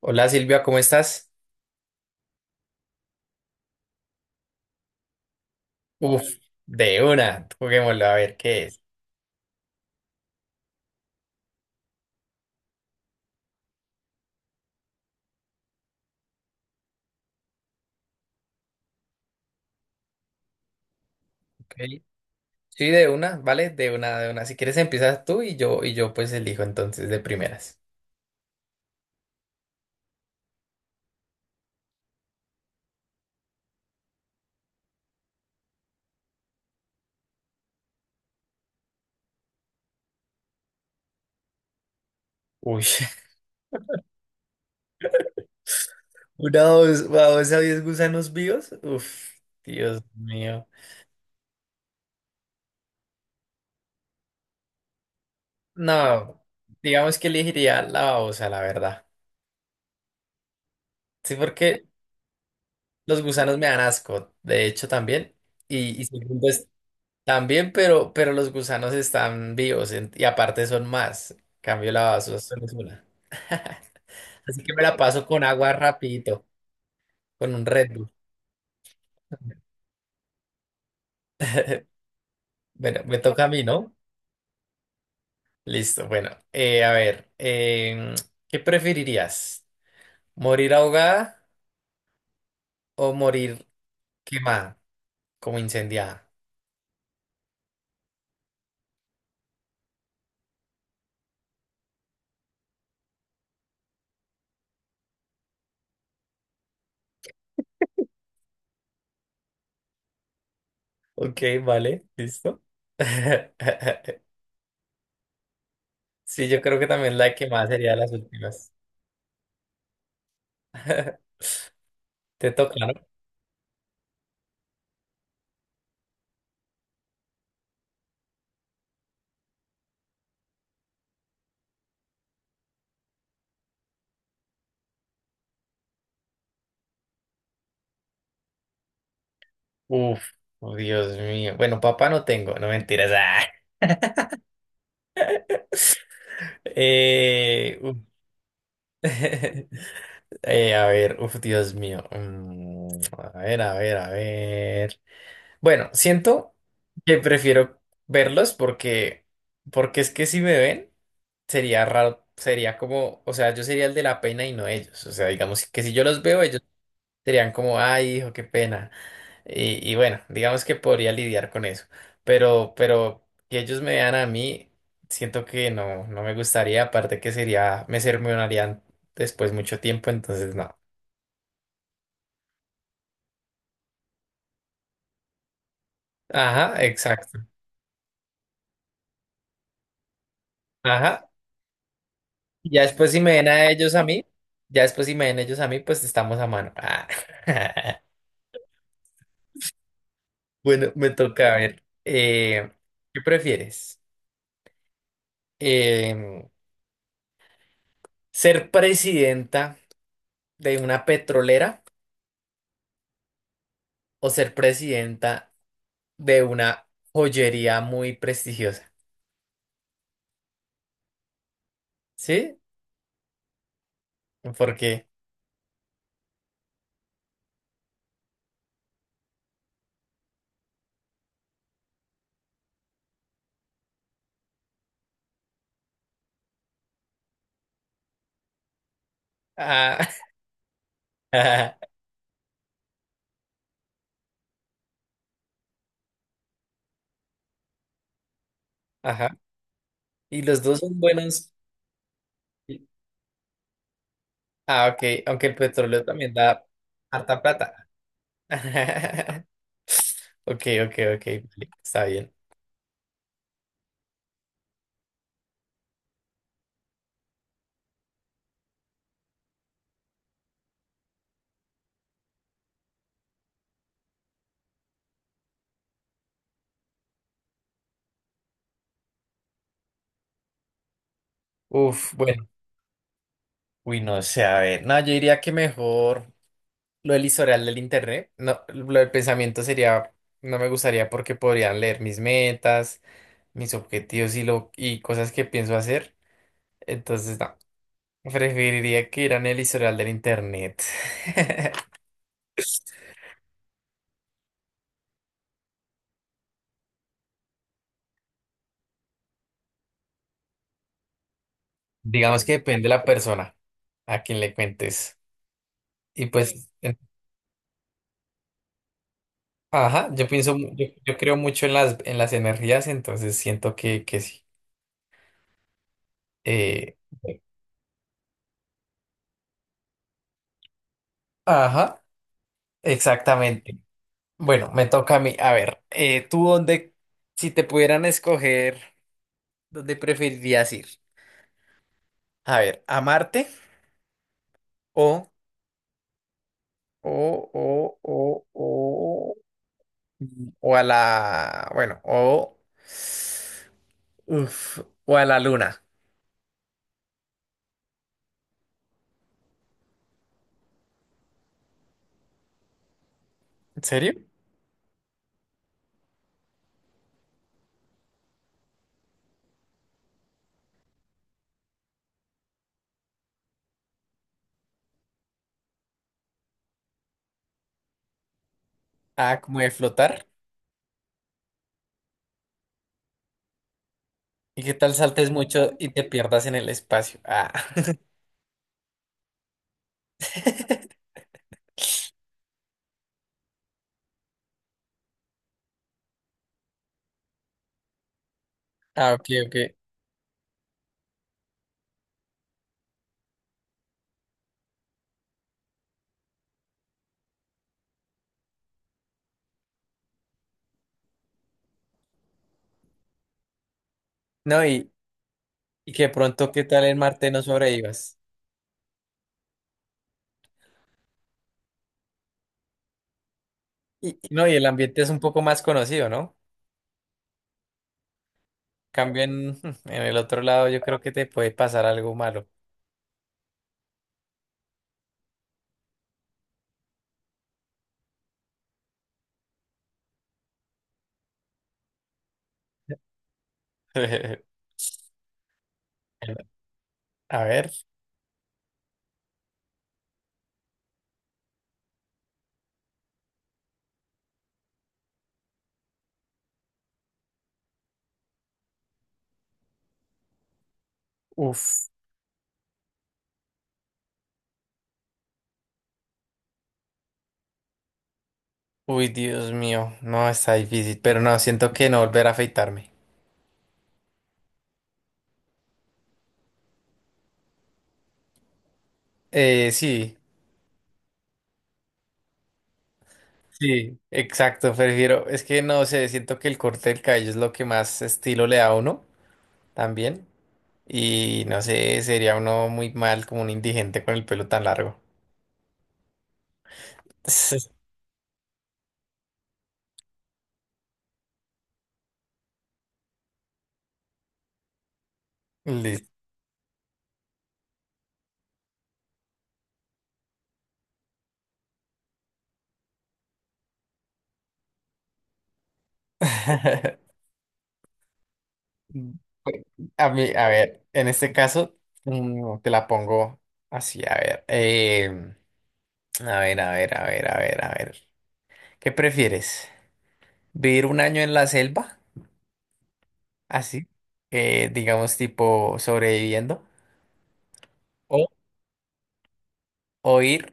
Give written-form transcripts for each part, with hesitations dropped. Hola Silvia, ¿cómo estás? Uf, de una, juguémoslo a ver qué es. Ok. Sí, de una, ¿vale? De una, de una. Si quieres empiezas tú y yo pues elijo entonces de primeras. Uy, una dos, dos a 10 gusanos vivos. Dios mío. No, digamos que elegiría la babosa, la verdad. Sí, porque los gusanos me dan asco, de hecho también. Y segundo, también, pero los gusanos están vivos y aparte son más. En cambio, la basura solo es una. Así que me la paso con agua rapidito, con un Red Bull. Bueno, me toca a mí, ¿no? Listo, bueno, a ver, ¿qué preferirías? ¿Morir ahogada o morir quemada, como incendiada? Ok, vale, listo. Sí, yo creo que también la quemada sería de las últimas. Te toca, ¿no? Uf, oh, Dios mío. Bueno, papá no tengo, no mentiras. Ah. Uf. A ver, Dios mío. A ver, a ver, a ver. Bueno, siento que prefiero verlos porque, porque es que si me ven, sería raro, sería como, o sea, yo sería el de la pena y no ellos. O sea, digamos que si yo los veo, ellos serían como, ay, hijo, qué pena. Y bueno, digamos que podría lidiar con eso. Pero que ellos me vean a mí, siento que no, no me gustaría. Aparte que sería, me sermonearían después mucho tiempo, entonces no. Ajá, exacto. Ajá. Ya después si me ven a ellos a mí, ya después si me ven ellos a mí, pues estamos a mano. Ah. Bueno, me toca a ver. ¿Qué prefieres? Em, ¿Ser presidenta de una petrolera? O ser presidenta de una joyería muy prestigiosa. ¿Sí? Porque, ah, ajá. Y los dos son buenos. Ah, ok. Aunque el petróleo también da harta plata. Ok, ok, ok. Vale, está bien. Bueno. Uy, no sé, a ver. No, yo diría que mejor lo del historial del internet. No, lo del pensamiento sería, no me gustaría porque podrían leer mis metas, mis objetivos y cosas que pienso hacer. Entonces, no, preferiría que en el historial del internet. Digamos que depende de la persona a quien le cuentes. Y pues, ajá, yo pienso, yo creo mucho en las energías, entonces siento que sí. Eh, ajá, exactamente. Bueno, me toca a mí. A ver, tú dónde, si te pudieran escoger, ¿dónde preferirías ir? A ver, ¿a Marte o, o O a la, bueno, o, uf, o a la luna? ¿En serio? Ah, como de flotar. ¿Y qué tal saltes mucho y te pierdas en el espacio? Ah. Ah, ok, ok. No, y que pronto, ¿qué tal en Marte no sobrevivas? Y no, y el ambiente es un poco más conocido, ¿no? Cambio en, en el otro lado, yo creo que te puede pasar algo malo. A ver, uff. Uy, Dios mío, no, está difícil, pero no, siento que no volver a afeitarme. Sí, sí, exacto, prefiero, es que no sé, siento que el corte del cabello es lo que más estilo le da a uno también, y no sé, sería uno muy mal como un indigente con el pelo tan largo. Listo. A mí, a ver, en este caso, te la pongo así, a ver, a ver, a ver, a ver, a ver, a ver, ¿qué prefieres? Vivir 1 año en la selva, así, digamos tipo sobreviviendo, o, o ir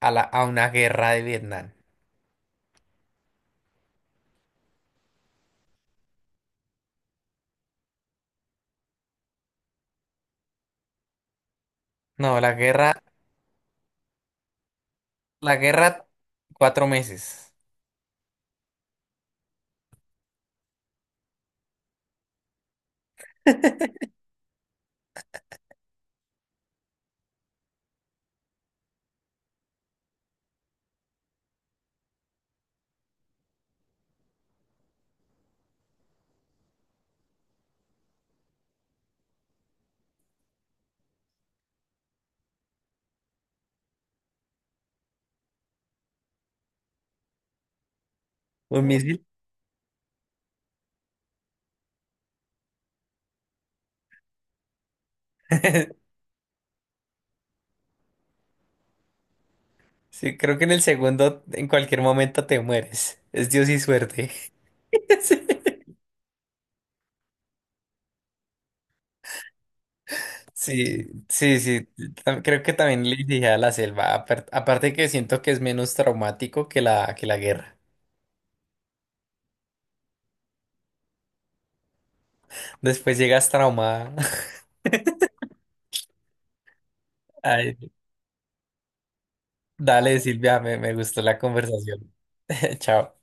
a una guerra de Vietnam. No, la guerra, 4 meses. Un misil. Sí, creo que en el segundo, en cualquier momento te mueres. Es Dios y suerte. Sí, sí, sí, sí, creo que también le dije a la selva. Aparte que siento que es menos traumático que la guerra. Después llegas traumada. Dale, Silvia, me gustó la conversación. Chao.